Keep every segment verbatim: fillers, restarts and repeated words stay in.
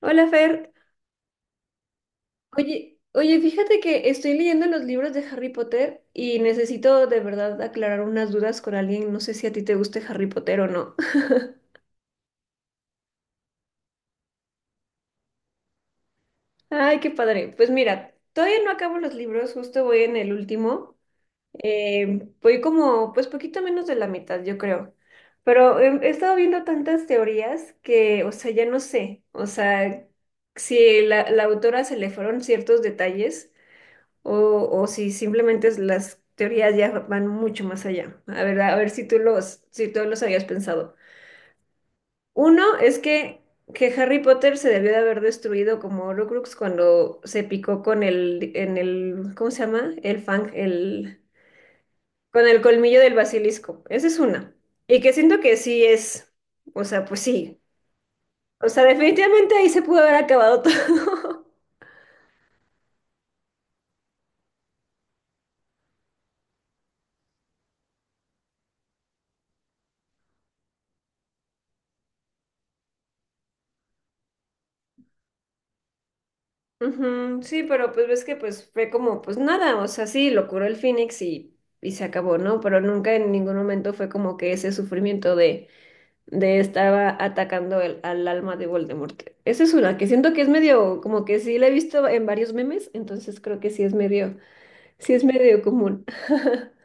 Hola Fer, oye, oye, fíjate que estoy leyendo los libros de Harry Potter y necesito de verdad aclarar unas dudas con alguien. No sé si a ti te guste Harry Potter o no. Ay, qué padre. Pues mira, todavía no acabo los libros, justo voy en el último. Eh, voy como, pues poquito menos de la mitad, yo creo. Pero em, he estado viendo tantas teorías que, o sea, ya no sé. O sea, si la, la autora se le fueron ciertos detalles. o, o si simplemente es- las teorías ya van mucho más allá. A ver, a ver si tú los, si tú los habías pensado. Uno es que, que Harry Potter se debió de haber destruido como Horcrux cuando se picó con el, en el, ¿cómo se llama? El fang, el, con el colmillo del basilisco. Esa es una. Y que siento que sí es, o sea, pues sí. O sea, definitivamente ahí se pudo haber acabado todo. Ujú. Sí, pero pues ves que pues fue como, pues nada, o sea, sí, lo curó el Fénix y, y se acabó, ¿no? Pero nunca en ningún momento fue como que ese sufrimiento de, de estaba atacando el, al alma de Voldemort. Esa es una que siento que es medio, como que sí la he visto en varios memes, entonces creo que sí es medio, sí es medio común.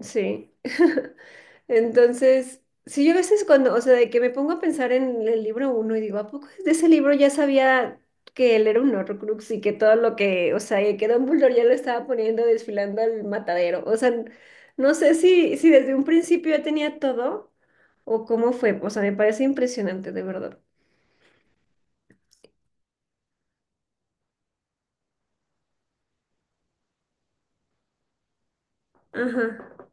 Sí. Entonces, sí, yo a veces cuando, o sea, de que me pongo a pensar en el libro uno y digo, ¿a poco de ese libro ya sabía que él era un Horrocrux y que todo lo que, o sea, y que Dumbledore ya lo estaba poniendo desfilando al matadero? O sea, no sé si, si desde un principio ya tenía todo o cómo fue. O sea, me parece impresionante, de verdad. Ajá.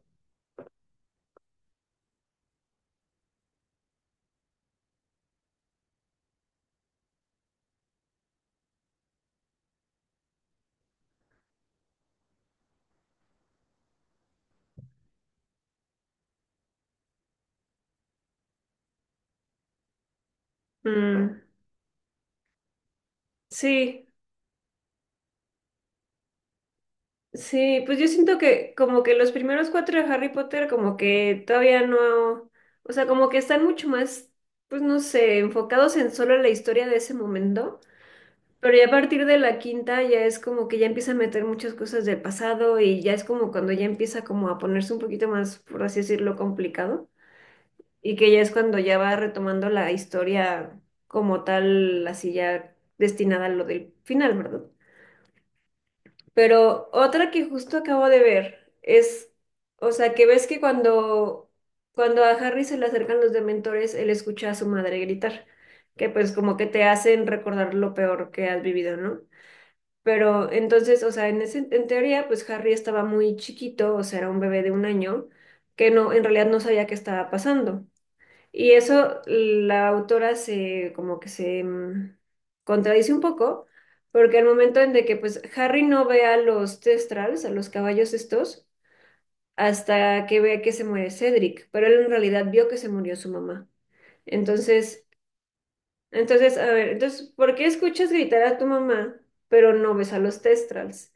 Mm. Sí. Sí, pues yo siento que como que los primeros cuatro de Harry Potter como que todavía no, o sea, como que están mucho más, pues no sé, enfocados en solo la historia de ese momento, pero ya a partir de la quinta ya es como que ya empieza a meter muchas cosas del pasado y ya es como cuando ya empieza como a ponerse un poquito más, por así decirlo, complicado y que ya es cuando ya va retomando la historia como tal, así ya destinada a lo del final, ¿verdad? Pero otra que justo acabo de ver es, o sea, que ves que cuando, cuando a Harry se le acercan los dementores, él escucha a su madre gritar, que pues como que te hacen recordar lo peor que has vivido, ¿no? Pero entonces, o sea, en ese, en teoría, pues Harry estaba muy chiquito, o sea, era un bebé de un año, que no, en realidad no sabía qué estaba pasando. Y eso la autora se como que se mm, contradice un poco, porque al momento en de que pues Harry no ve a los Testrals, a los caballos estos, hasta que ve que se muere Cedric, pero él en realidad vio que se murió su mamá. Entonces, entonces, a ver, entonces, ¿por qué escuchas gritar a tu mamá, pero no ves a los Testrals?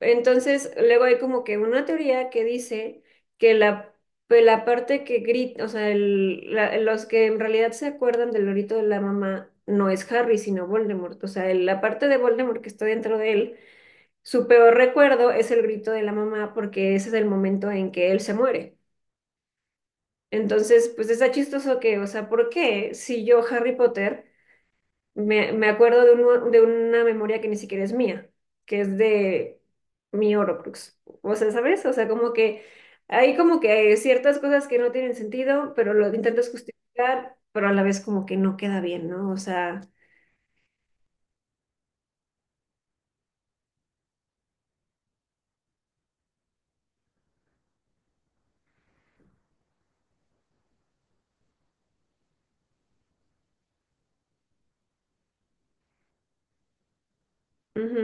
Entonces, luego hay como que una teoría que dice que la, pues, la parte que grita, o sea, el- la- los que en realidad se acuerdan del lorito de la mamá no es Harry, sino Voldemort. O sea, el- la parte de Voldemort que está dentro de él, su peor recuerdo es el grito de la mamá porque ese es el momento en que él se muere. Entonces, pues está chistoso que, o sea, ¿por qué si yo, Harry Potter... Me, me acuerdo de, un- de una memoria que ni siquiera es mía, que es de mi Horrocrux. O sea, ¿sabes? O sea, como que hay como que ciertas cosas que no tienen sentido, pero lo intentas justificar, pero a la vez como que no queda bien, ¿no? O sea, ujú.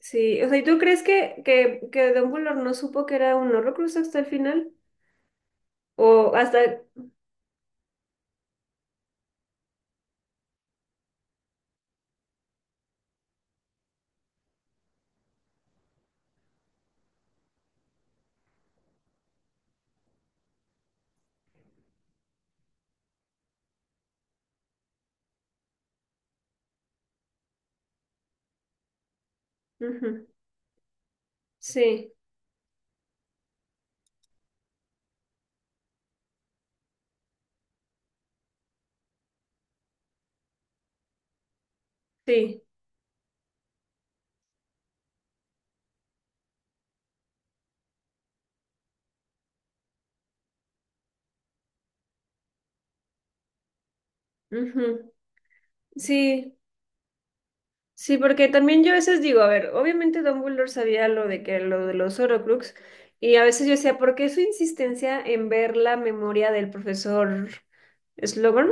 Sí, o sea, ¿y tú crees que, que, que Dumbledore no supo que era un Horrocrux hasta el final? O hasta... ujú. Sí, sí. Ujú. Sí. Sí, porque también yo a veces digo, a ver, obviamente Dumbledore sabía lo de que lo de los Horcrux y a veces yo decía, ¿por qué su insistencia en ver la memoria del profesor Slughorn?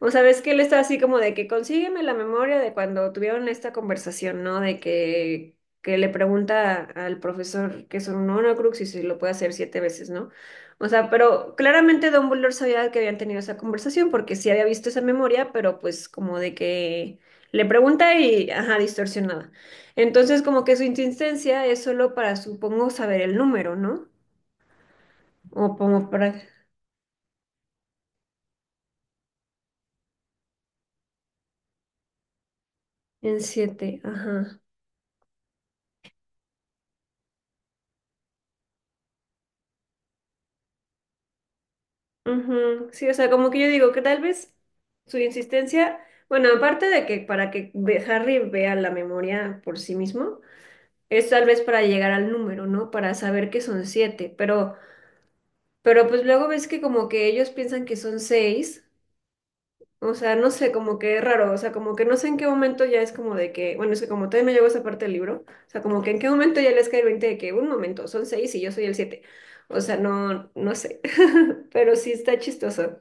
O sea, ves que él está así como de que consígueme la memoria de cuando tuvieron esta conversación, ¿no? De que, que le pregunta al profesor que son un Horcrux y si lo puede hacer siete veces, ¿no? O sea, pero claramente Dumbledore sabía que habían tenido esa conversación porque sí había visto esa memoria, pero pues como de que le pregunta y, ajá, distorsionada. Entonces como que su insistencia es solo para, supongo, saber el número, ¿no? O como para... En siete, ajá. Ujú. Sí, o sea, como que yo digo que tal vez su insistencia, bueno, aparte de que para que ve- Harry vea la memoria por sí mismo, es tal vez para llegar al número, ¿no? Para saber que son siete, pero, pero pues luego ves que como que ellos piensan que son seis, o sea, no sé, como que es raro, o sea, como que no sé en qué momento ya es como de que, bueno, es que como todavía no llegó esa parte del libro, o sea, como que en qué momento ya les cae el veinte de que un momento, son seis y yo soy el siete, o sea, no, no sé, pero sí está chistoso.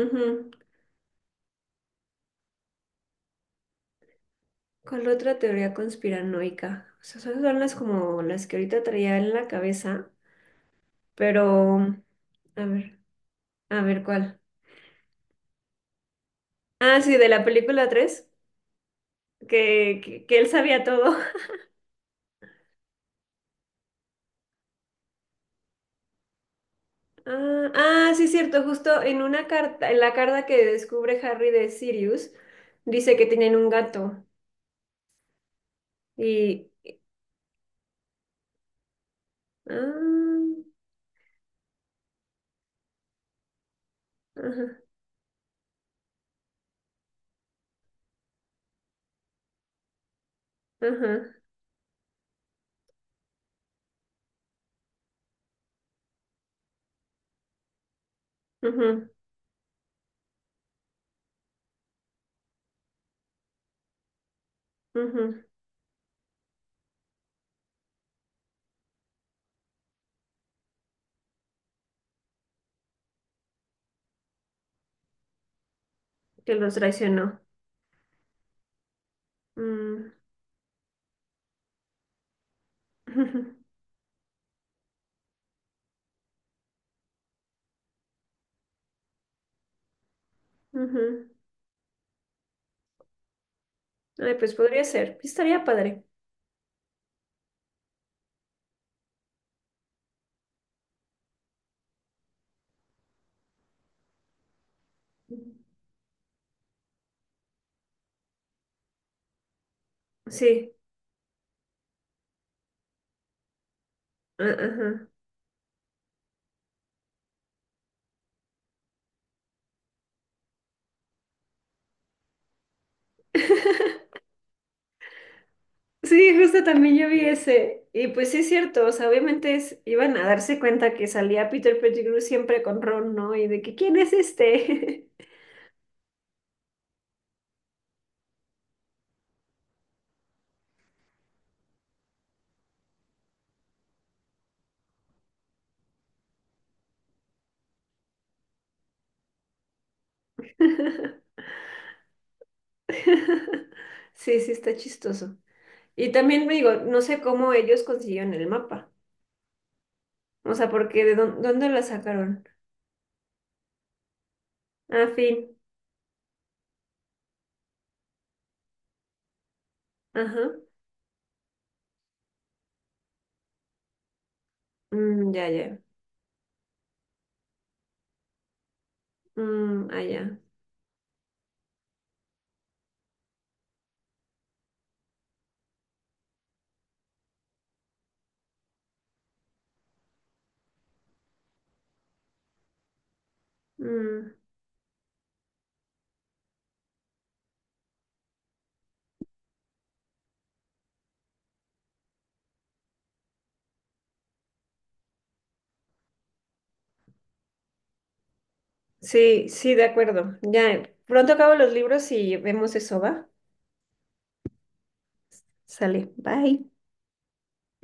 Ujú. ¿Cuál otra teoría conspiranoica? O sea, esas son las como las que ahorita traía en la cabeza, pero a ver, a ver cuál. Ah, sí, de la película tres, que, que, que él sabía todo. Ah, ah, sí, cierto, justo en una carta, en la carta que descubre Harry de Sirius, dice que tienen un gato. Y ah, ajá, ajá, ujú, ujú, que los traicionó. Mm. Ujú. Ay, pues podría ser. Estaría padre. Sí. Ah, ajá. Sí, justo también yo vi ese. Y pues sí es cierto, o sea, obviamente es- iban a darse cuenta que salía Peter Pettigrew siempre con Ron, ¿no? Y de que, ¿quién es este? Sí, sí, está chistoso. Y también me digo, no sé cómo ellos consiguieron el mapa. O sea, porque ¿de dónde, dónde la sacaron? Ah, fin. Ajá. Mm, ya, ya. Mm, ah, ya. Mm. Sí, sí, de acuerdo. Ya, pronto acabo los libros y vemos eso, ¿va? Sale, bye.